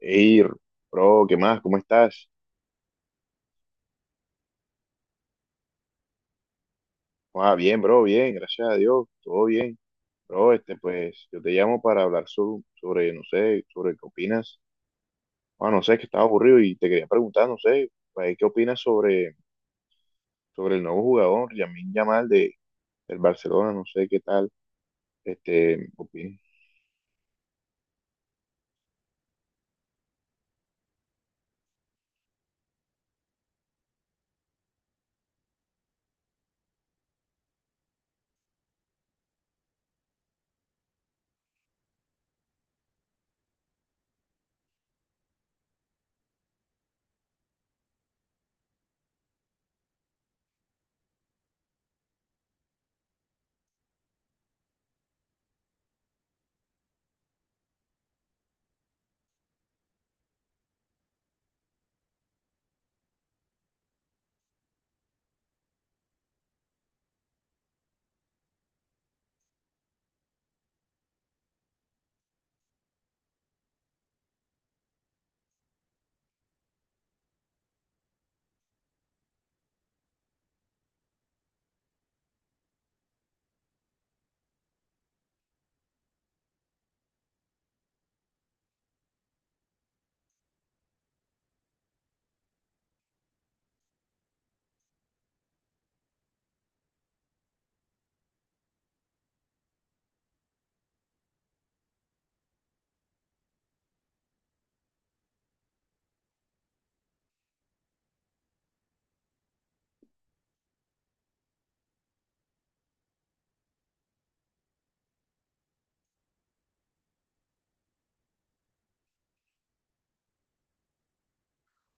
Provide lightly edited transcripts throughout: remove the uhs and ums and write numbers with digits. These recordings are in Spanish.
Ey, bro, ¿qué más? ¿Cómo estás? Ah, bien, bro, bien, gracias a Dios, todo bien. Bro, este, pues, yo te llamo para hablar sobre, no sé, sobre qué opinas. Ah, no sé, que estaba aburrido y te quería preguntar, no sé, pues, ¿qué opinas sobre el nuevo jugador, Lamine Yamal, del Barcelona? No sé qué tal, este, opinas.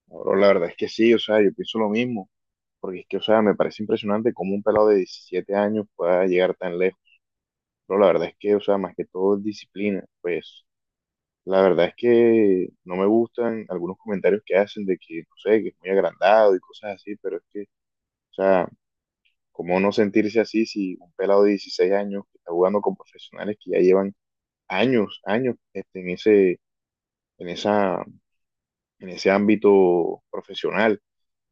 No, bro, la verdad es que sí, o sea, yo pienso lo mismo, porque es que, o sea, me parece impresionante cómo un pelado de 17 años pueda llegar tan lejos. Pero la verdad es que, o sea, más que todo es disciplina, pues. La verdad es que no me gustan algunos comentarios que hacen de que, no sé, que es muy agrandado y cosas así, pero es que, o sea, ¿cómo no sentirse así si un pelado de 16 años que está jugando con profesionales que ya llevan años, años este, en ese, en esa, en ese ámbito profesional?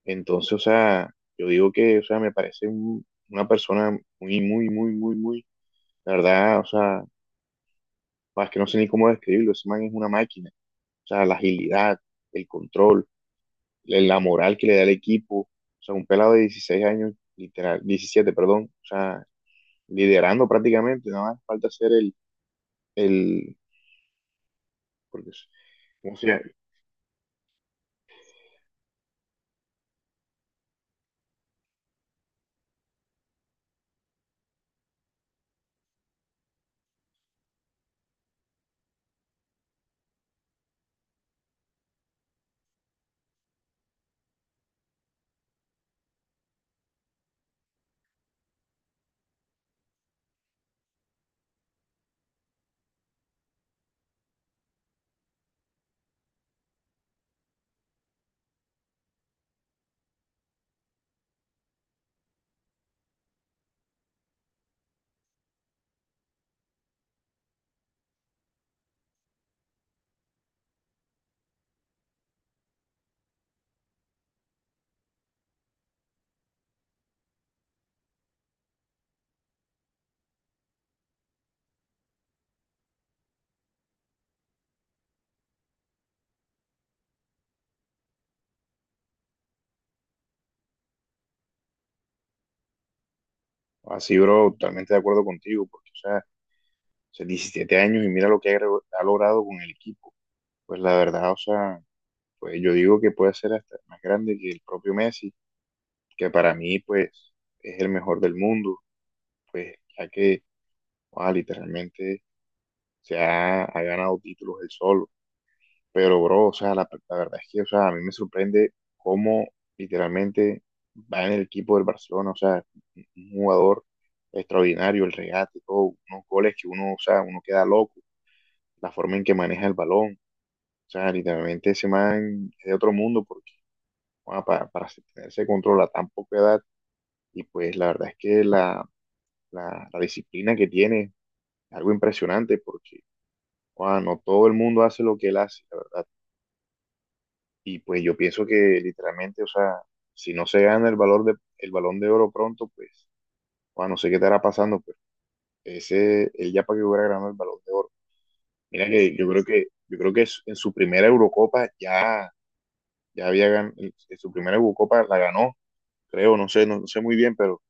Entonces, o sea, yo digo que, o sea, me parece una persona muy, muy, muy, muy, muy, la verdad, o sea, más que no sé ni cómo describirlo, ese man es una máquina, o sea, la agilidad, el control, la moral que le da el equipo. O sea, un pelado de 16 años, literal, 17 perdón, o sea, liderando prácticamente, nada más falta ser el, porque, o sea, así, bro, totalmente de acuerdo contigo, porque, o sea, 17 años y mira lo que ha logrado con el equipo. Pues la verdad, o sea, pues yo digo que puede ser hasta más grande que el propio Messi, que para mí, pues, es el mejor del mundo, pues, ya que, ah, literalmente se ha ganado títulos él solo. Pero, bro, o sea, la verdad es que, o sea, a mí me sorprende cómo literalmente va en el equipo del Barcelona, o sea, un jugador extraordinario, el regate, todo, unos goles que uno, o sea, uno queda loco, la forma en que maneja el balón, o sea, literalmente ese man es de otro mundo porque, bueno, para tener ese control a tan poca edad, y pues la verdad es que la disciplina que tiene es algo impresionante porque, bueno, no todo el mundo hace lo que él hace, la verdad. Y pues yo pienso que literalmente, o sea, si no se gana el valor el Balón de Oro pronto, pues, bueno, no sé qué estará pasando, pero ese, él ya para que hubiera ganado el Balón de Oro. Mira que yo creo que en su primera Eurocopa ya, había ganado, en su primera Eurocopa la ganó, creo, no sé, no, no sé muy bien, pero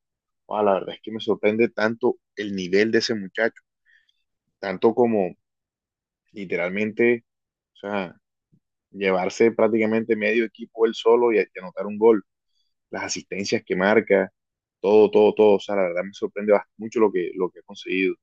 ah, la verdad es que me sorprende tanto el nivel de ese muchacho, tanto como literalmente, o sea, llevarse prácticamente medio equipo él solo y anotar un gol, las asistencias que marca, todo, todo, todo. O sea, la verdad me sorprende mucho lo que ha conseguido.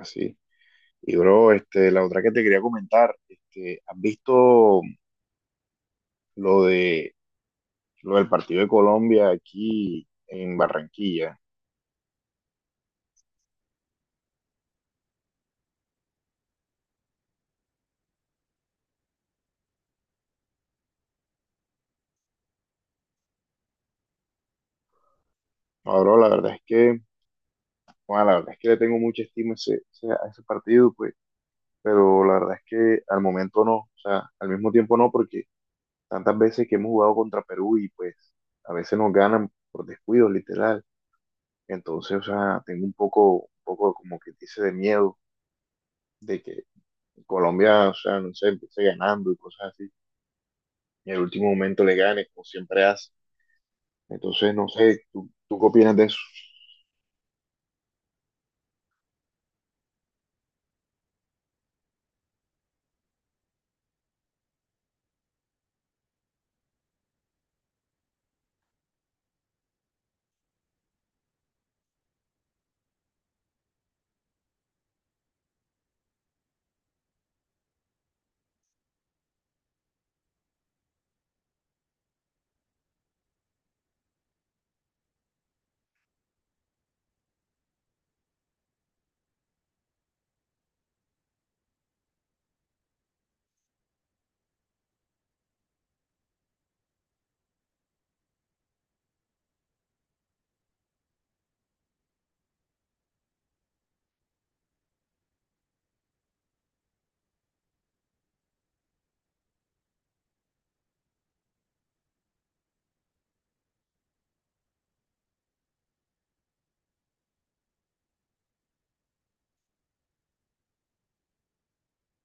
Así. Y bro, este, la otra que te quería comentar, este, ¿has visto lo de lo del partido de Colombia aquí en Barranquilla? No, bro, la verdad es que, bueno, la verdad es que le tengo mucha estima a ese partido, pues, pero la verdad es que al momento no, o sea, al mismo tiempo no, porque tantas veces que hemos jugado contra Perú y pues a veces nos ganan por descuido, literal. Entonces, o sea, tengo un poco como que dice de miedo de que Colombia, o sea, no sé, empiece ganando y cosas así, y en el último momento le gane, como siempre hace. Entonces, no sé, ¿tú qué opinas de eso?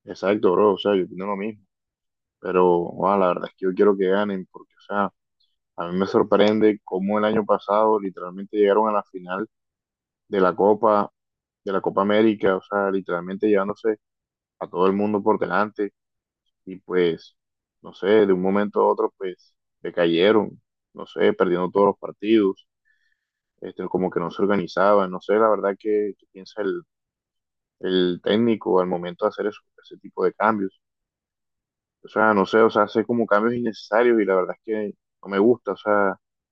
Exacto, bro, o sea, yo opino lo mismo, pero wow, la verdad es que yo quiero que ganen, porque, o sea, a mí me sorprende cómo el año pasado literalmente llegaron a la final de la Copa, de la Copa América, o sea, literalmente llevándose a todo el mundo por delante y pues, no sé, de un momento a otro, pues, decayeron, no sé, perdiendo todos los partidos, este, como que no se organizaban, no sé, la verdad que, piensa el técnico al momento de hacer eso, ese tipo de cambios. O sea, no sé, o sea, hace como cambios innecesarios y la verdad es que no me gusta, o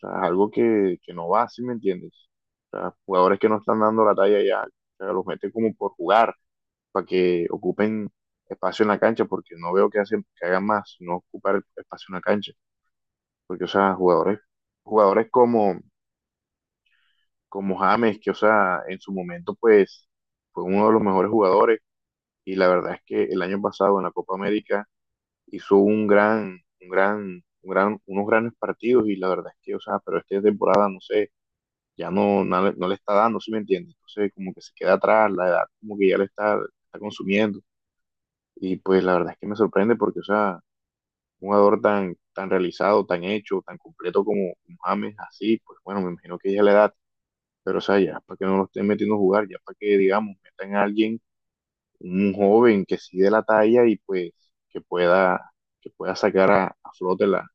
sea, es algo que no va, ¿sí me entiendes? O sea, jugadores que no están dando la talla ya, o sea, los meten como por jugar, para que ocupen espacio en la cancha, porque no veo que hacen, que hagan más, no ocupar espacio en la cancha. Porque, o sea, jugadores como, James, que, o sea, en su momento, pues, fue uno de los mejores jugadores. Y la verdad es que el año pasado en la Copa América hizo unos grandes partidos. Y la verdad es que, o sea, pero esta temporada, no sé, ya no, no, le no le está dando, ¿sí me entiendes? Entonces, como que se queda atrás, la edad como que ya le está consumiendo. Y pues la verdad es que me sorprende porque, o sea, un jugador tan, tan realizado, tan hecho, tan completo como James, así, pues bueno, me imagino que ya es la edad. Pero, o sea, ya para que no lo estén metiendo a jugar, ya para que, digamos, metan a alguien, un joven que sí de la talla y pues que pueda, que pueda sacar a flote la,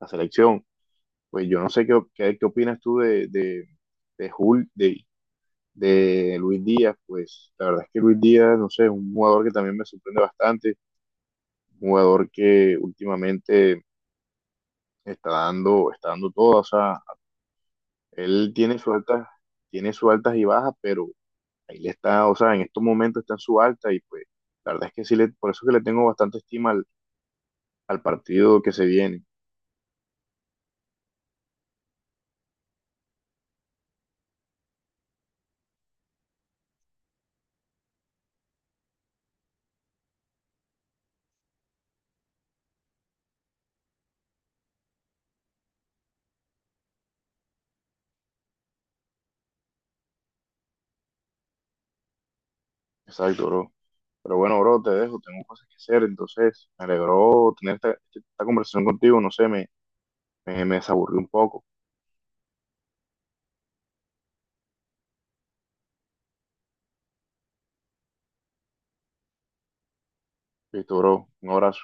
la selección. Pues yo no sé qué opinas tú de, Jul- de, de Luis Díaz. Pues la verdad es que Luis Díaz, no sé, es un jugador que también me sorprende bastante, un jugador que últimamente está dando todo. O sea, él tiene sus altas y bajas, pero ahí le está, o sea, en estos momentos está en su alta y pues la verdad es que sí, le, por eso es que le tengo bastante estima al partido que se viene. Exacto, bro. Pero bueno, bro, te dejo, tengo cosas que hacer, entonces me alegró tener esta conversación contigo, no sé, me desaburrí un poco. Listo, bro, un abrazo.